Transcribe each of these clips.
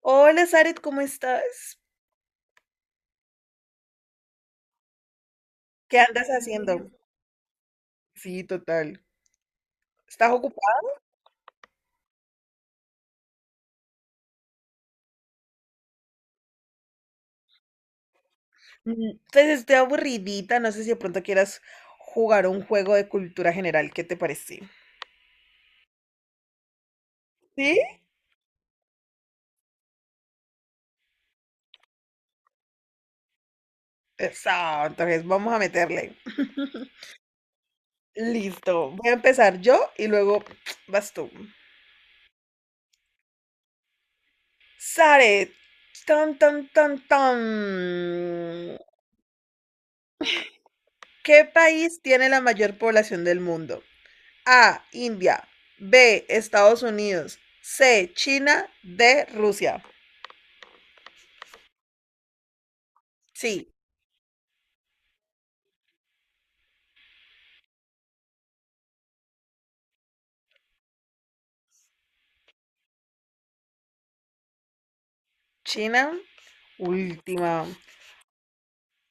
Hola, Zaret, ¿cómo estás? ¿Qué andas haciendo? Sí, total. ¿Estás ocupada? Pues estoy aburridita, no sé si de pronto quieras jugar un juego de cultura general, ¿qué te parece? ¿Sí? Eso, entonces vamos a meterle. Listo, voy a empezar yo y luego vas tú. Zaret, tan, tan, tan, tan. ¿Qué país tiene la mayor población del mundo? A. India. B. Estados Unidos. C. China. D. Rusia. Sí, China. Última,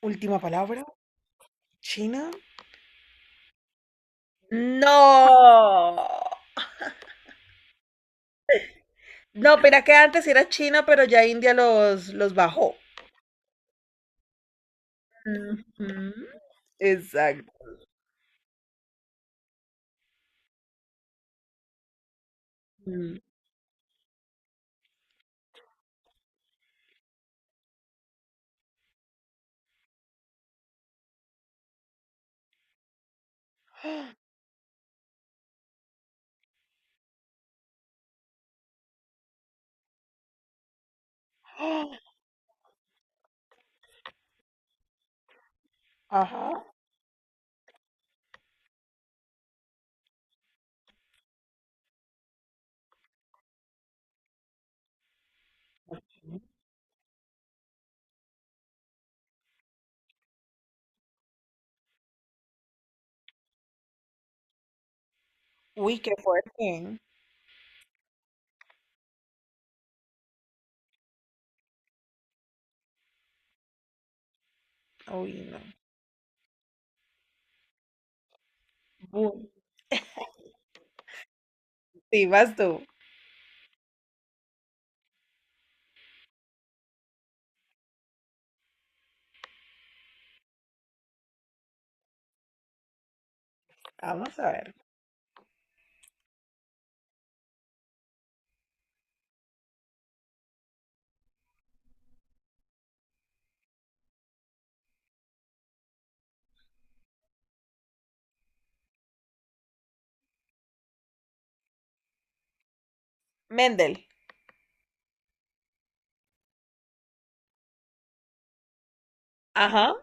última palabra. China. No. No, pero que antes era China, pero ya India los bajó. Ujú, exacto. Mm. ¡Ah! Ajá. Uy, qué fuerte. Uy, no. Bu- Sí, vas tú. Vamos a ver. Mendel. Ajá.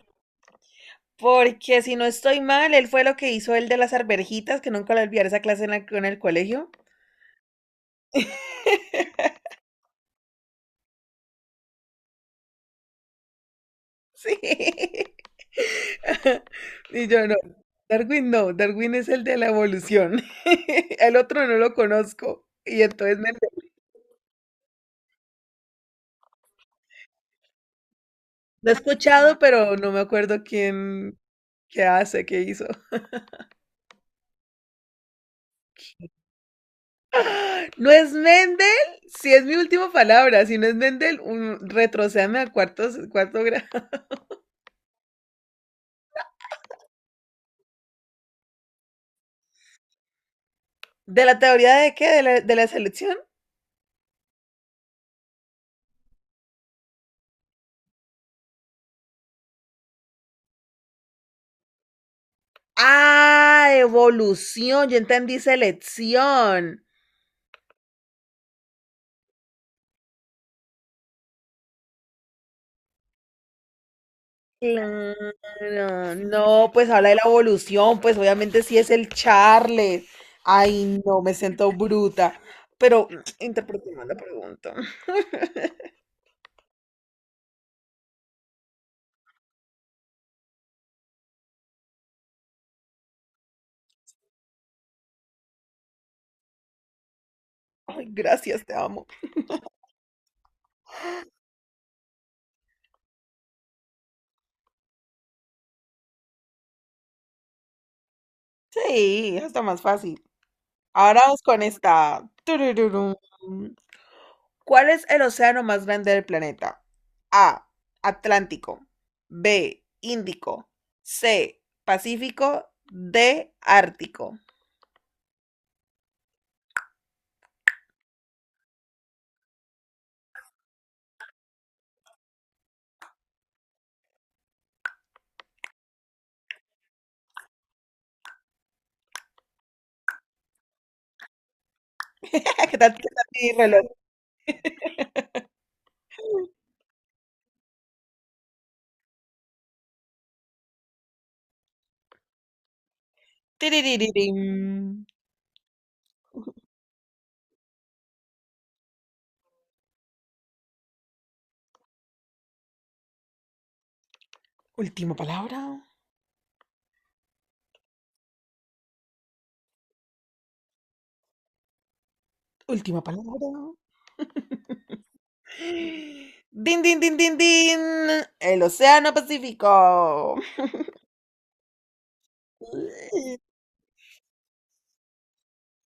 Porque si no estoy mal, él fue lo que hizo el de las arvejitas, que nunca lo olvidaré esa clase en en el colegio. Sí. Y yo no. Darwin no, Darwin es el de la evolución. El otro no lo conozco. Y entonces me lo he escuchado, pero no me acuerdo quién, qué hace, qué hizo. ¡Ah! ¿No es Mendel? Si es mi última palabra, si no es Mendel, un, retrocéame a cuartos, cuarto grado. ¿De la teoría de qué? ¿De la selección? Ah, evolución, yo entendí selección. Claro, no, pues habla de la evolución, pues obviamente sí es el Charles. Ay, no, me siento bruta. Pero interpreté mal la pregunta. Ay, gracias, te amo. Sí, está más fácil. Ahora vamos con esta. Turururum. ¿Cuál es el océano más grande del planeta? A. Atlántico. B. Índico. C. Pacífico. D. Ártico. ¿Qué tal? ¿Qué tal mi reloj? Tiririririm. Última palabra. Última palabra. Din, din, din, din, din. El océano Pacífico.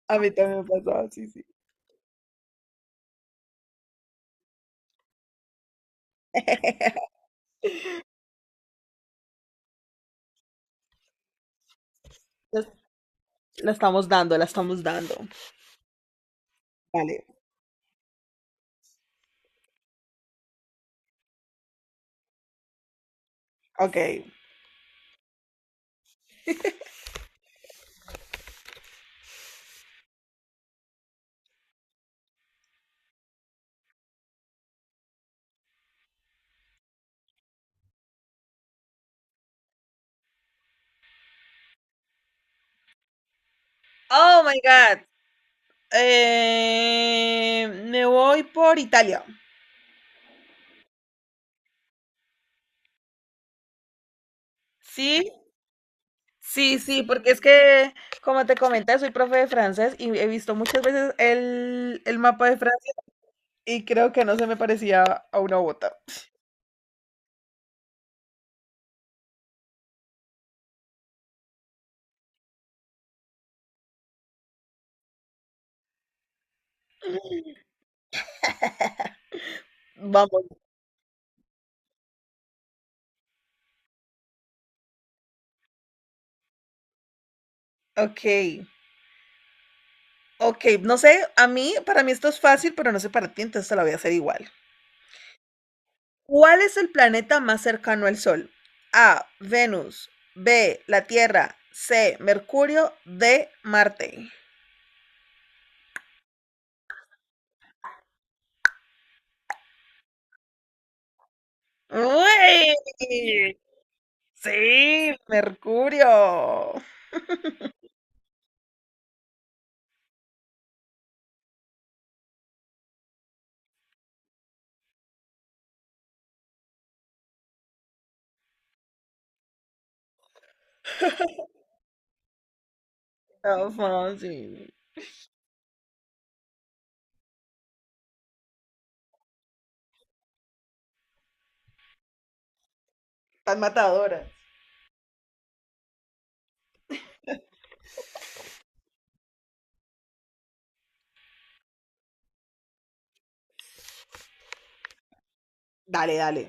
A mí también me pasó, sí, sí. La estamos dando, la estamos dando. Vale, ok. Oh my God. Me voy por Italia. Sí, sí, sí, porque es que, como te comenté, soy profe de francés y he visto muchas veces el mapa de Francia y creo que no se me parecía a una bota. Vamos. Ok, ok, no sé, a mí, para mí esto es fácil, pero no sé para ti, entonces te la voy a hacer igual. ¿Cuál es el planeta más cercano al Sol? A, Venus, B, la Tierra, C, Mercurio, D, Marte. ¡Uy! Sí, Mercurio. Tan fácil. Tan matadora. Dale, dale.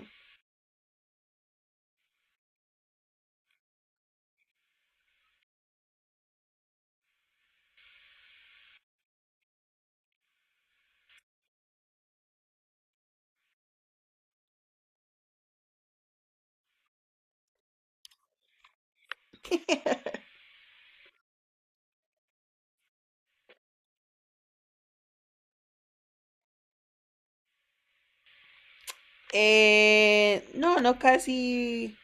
No, no casi.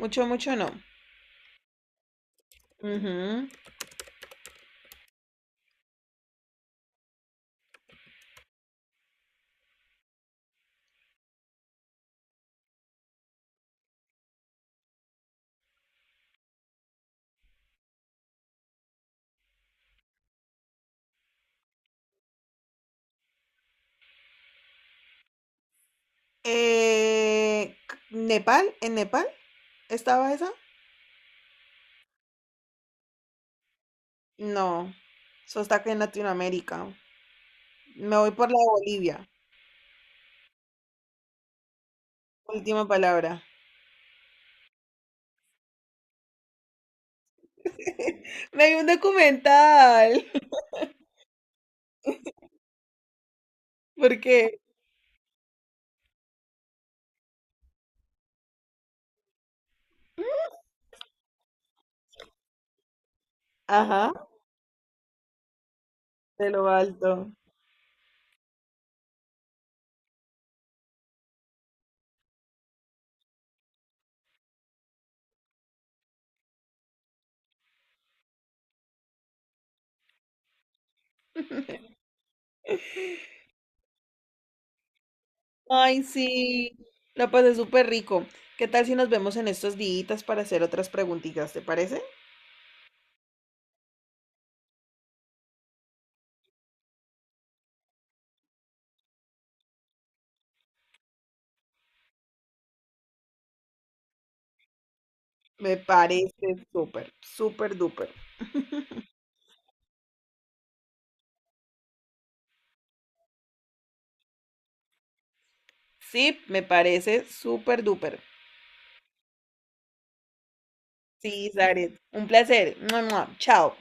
Mucho, mucho no. Ujú. Eh, ¿Nepal? ¿En Nepal? ¿Estaba esa? No. Eso está acá en Latinoamérica. Me voy por la de Bolivia. Última palabra. Me vi un documental. ¿Por qué? Ajá, de lo alto. Ay, sí, la pasé súper rico. ¿Qué tal si nos vemos en estos días para hacer otras preguntitas? ¿Te parece? Me parece súper, súper duper. Sí, me parece súper duper. Sí, Zaret, un placer. Mua, mua. Chao.